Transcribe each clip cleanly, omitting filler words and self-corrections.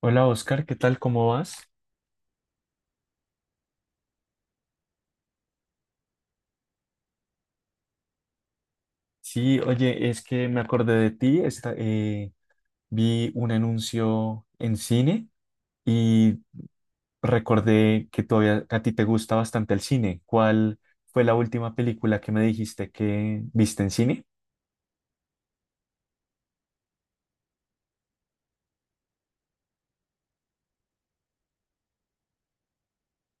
Hola Oscar, ¿qué tal? ¿Cómo vas? Sí, oye, es que me acordé de ti, vi un anuncio en cine y recordé que todavía a ti te gusta bastante el cine. ¿Cuál fue la última película que me dijiste que viste en cine?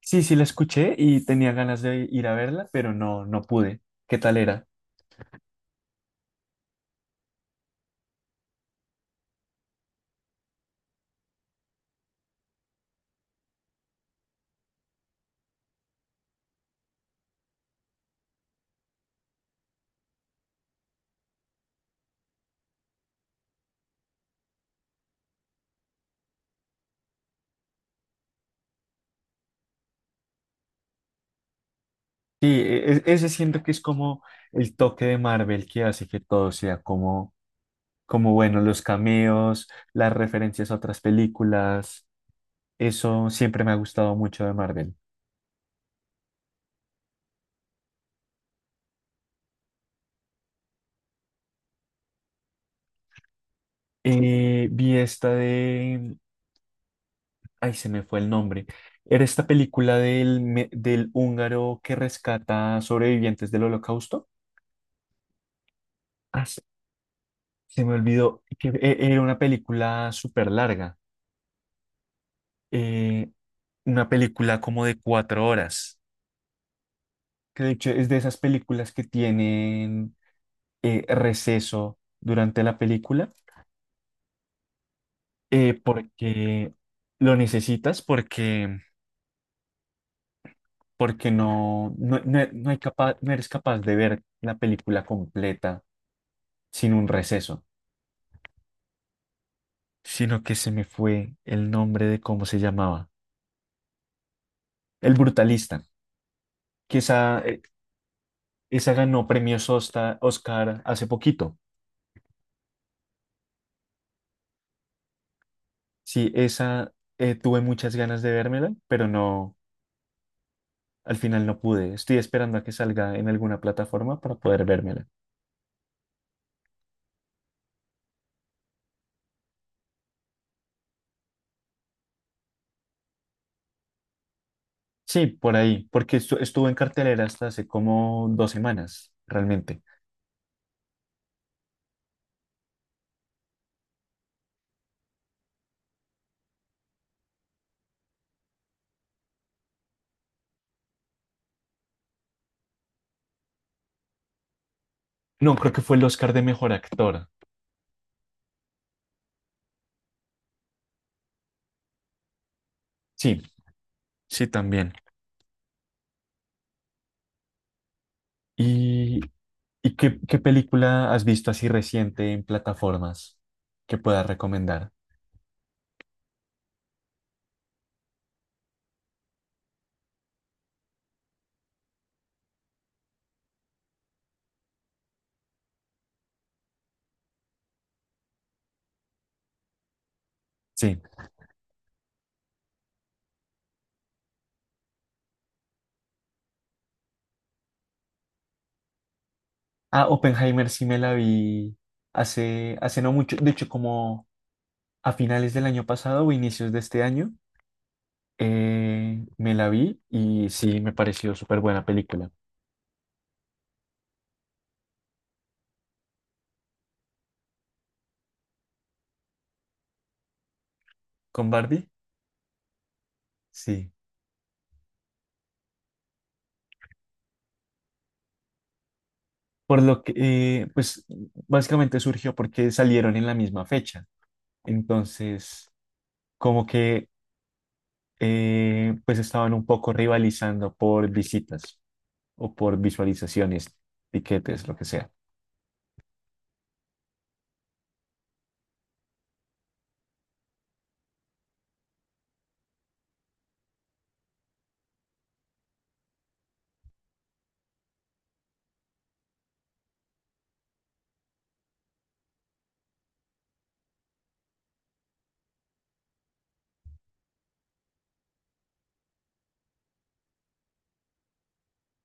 Sí, sí, la escuché y tenía ganas de ir a verla, pero no pude. ¿Qué tal era? Sí, ese siento que es como el toque de Marvel que hace que todo sea como bueno, los cameos, las referencias a otras películas, eso siempre me ha gustado mucho de Marvel. Vi esta de, ay, se me fue el nombre. Era esta película del, del húngaro que rescata sobrevivientes del Holocausto. Ah, se me olvidó que era una película súper larga, eh, una película como de 4 horas, que de hecho es de esas películas que tienen receso durante la película. Porque lo necesitas, porque, porque no hay capaz, no eres capaz de ver la película completa sin un receso, sino que se me fue el nombre de cómo se llamaba. El Brutalista, que esa, esa ganó premios Oscar hace poquito. Sí, esa tuve muchas ganas de vérmela, pero no, al final no pude. Estoy esperando a que salga en alguna plataforma para poder vérmela. Sí, por ahí, porque estuvo en cartelera hasta hace como 2 semanas, realmente. No, creo que fue el Oscar de Mejor Actor. Sí, sí, también. ¿Y, y qué, qué película has visto así reciente en plataformas que puedas recomendar? Sí. Ah, Oppenheimer sí me la vi hace no mucho, de hecho como a finales del año pasado o inicios de este año, me la vi y sí, me pareció súper buena película. ¿Con Barbie? Sí. Por lo que, pues básicamente surgió porque salieron en la misma fecha. Entonces, como que, pues estaban un poco rivalizando por visitas o por visualizaciones, tiquetes, lo que sea.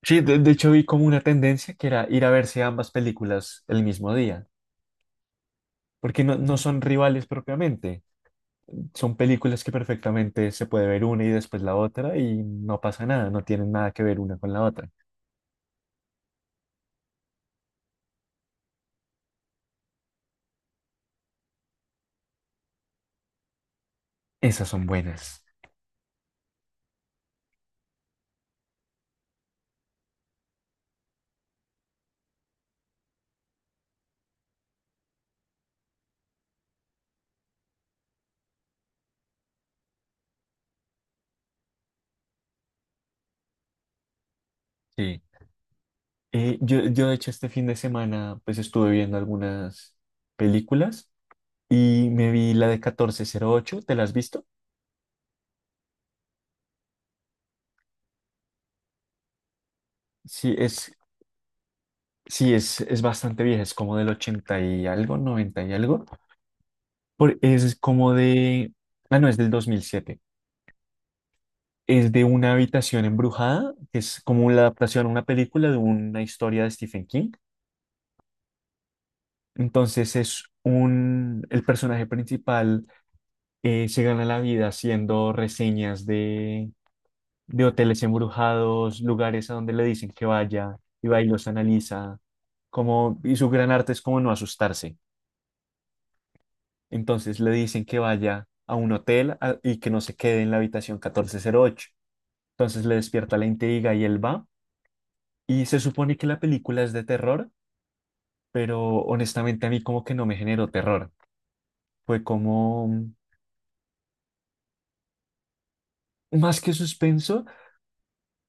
Sí, de hecho vi como una tendencia que era ir a verse ambas películas el mismo día, porque no, no son rivales propiamente, son películas que perfectamente se puede ver una y después la otra y no pasa nada, no tienen nada que ver una con la otra. Esas son buenas. Sí. Yo de hecho este fin de semana pues estuve viendo algunas películas y me vi la de 1408. ¿Te la has visto? Sí, sí, es bastante vieja, es como del 80 y algo, 90 y algo. Por, es como de, ah, no, es del 2007. Es de una habitación embrujada, que es como la adaptación a una película de una historia de Stephen King. Entonces es un, el personaje principal se gana la vida haciendo reseñas de hoteles embrujados, lugares a donde le dicen que vaya, y va y los analiza, como, y su gran arte es como no asustarse. Entonces le dicen que vaya a un hotel y que no se quede en la habitación 1408. Entonces le despierta la intriga y él va. Y se supone que la película es de terror, pero honestamente a mí como que no me generó terror. Fue como mm, más que suspenso.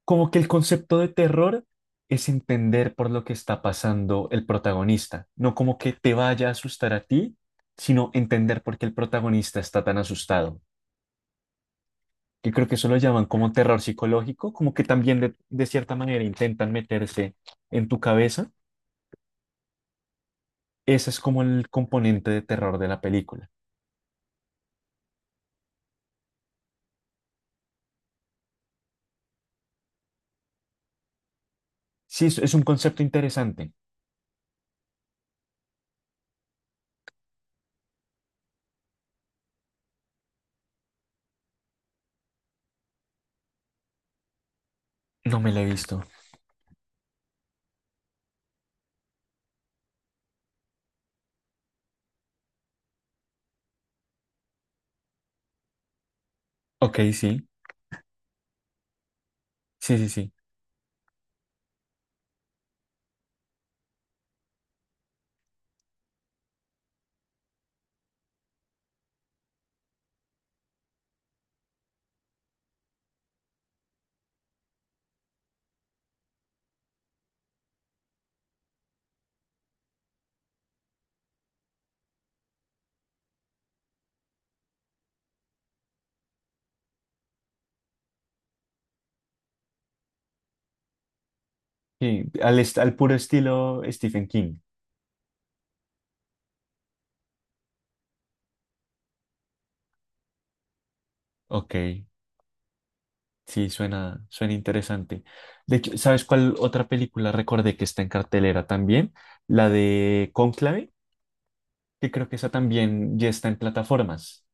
Como que el concepto de terror es entender por lo que está pasando el protagonista, no como que te vaya a asustar a ti, sino entender por qué el protagonista está tan asustado. Que creo que eso lo llaman como terror psicológico, como que también de cierta manera intentan meterse en tu cabeza. Ese es como el componente de terror de la película. Sí, es un concepto interesante. No me lo he visto. Ok, sí. Sí, al puro estilo Stephen King. Ok. Sí, suena interesante. De hecho, ¿sabes cuál otra película recordé que está en cartelera también? La de Cónclave, que creo que esa también ya está en plataformas.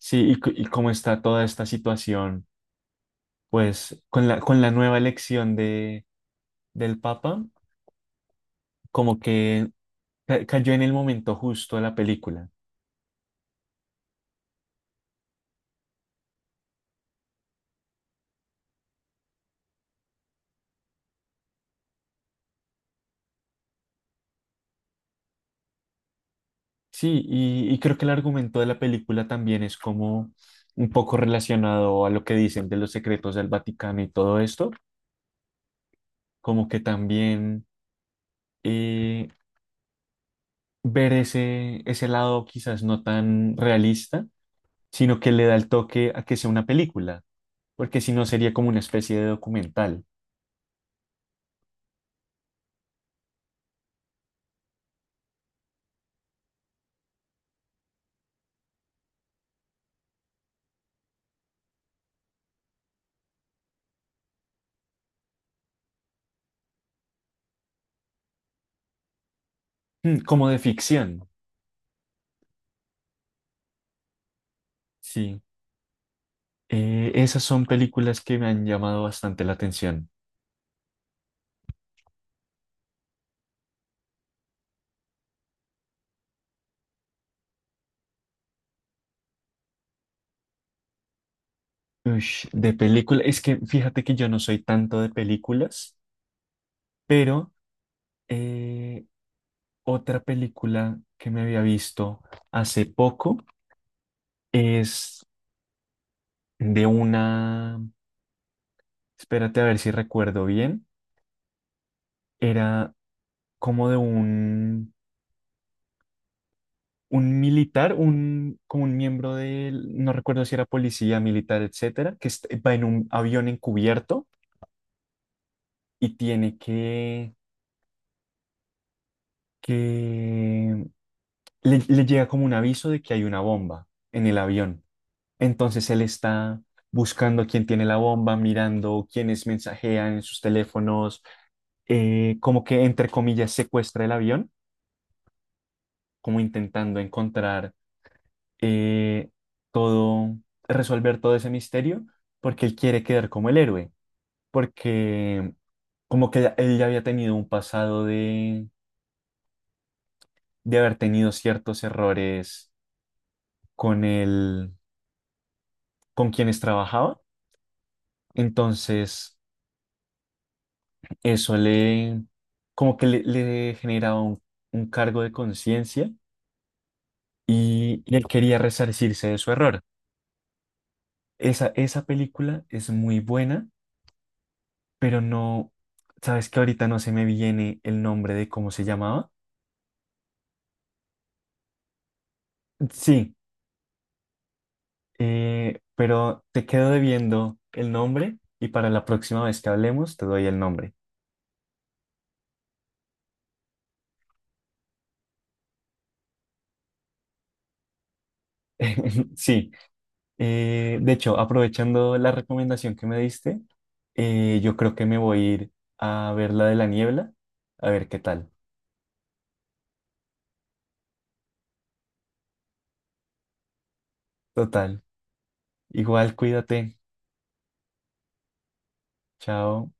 Sí, y, y cómo está toda esta situación, pues con la nueva elección de, del Papa, como que cayó en el momento justo la película. Sí, y creo que el argumento de la película también es como un poco relacionado a lo que dicen de los secretos del Vaticano y todo esto, como que también eh, ver ese, ese lado quizás no tan realista, sino que le da el toque a que sea una película, porque si no sería como una especie de documental, mm, como de ficción. Sí, esas son películas que me han llamado bastante la atención. Ush, de película, es que fíjate que yo no soy tanto de películas, pero eh, otra película que me había visto hace poco es de una, espérate a ver si recuerdo bien. Era como de un militar, un, como un miembro del, no recuerdo si era policía, militar, etcétera, que va en un avión encubierto y tiene que le llega como un aviso de que hay una bomba en el avión. Entonces él está buscando quién tiene la bomba, mirando quiénes mensajean en sus teléfonos, como que entre comillas secuestra el avión, como intentando encontrar eh, todo, resolver todo ese misterio, porque él quiere quedar como el héroe, porque como que él ya había tenido un pasado de haber tenido ciertos errores con el, con quienes trabajaba, entonces eso le, como que le generaba un cargo de conciencia y él quería resarcirse de su error. Esa película es muy buena pero no, sabes que ahorita no se me viene el nombre de cómo se llamaba. Sí, pero te quedo debiendo el nombre y para la próxima vez que hablemos te doy el nombre. Sí, de hecho, aprovechando la recomendación que me diste, yo creo que me voy a ir a ver la de la niebla, a ver qué tal. Total, igual cuídate, chao.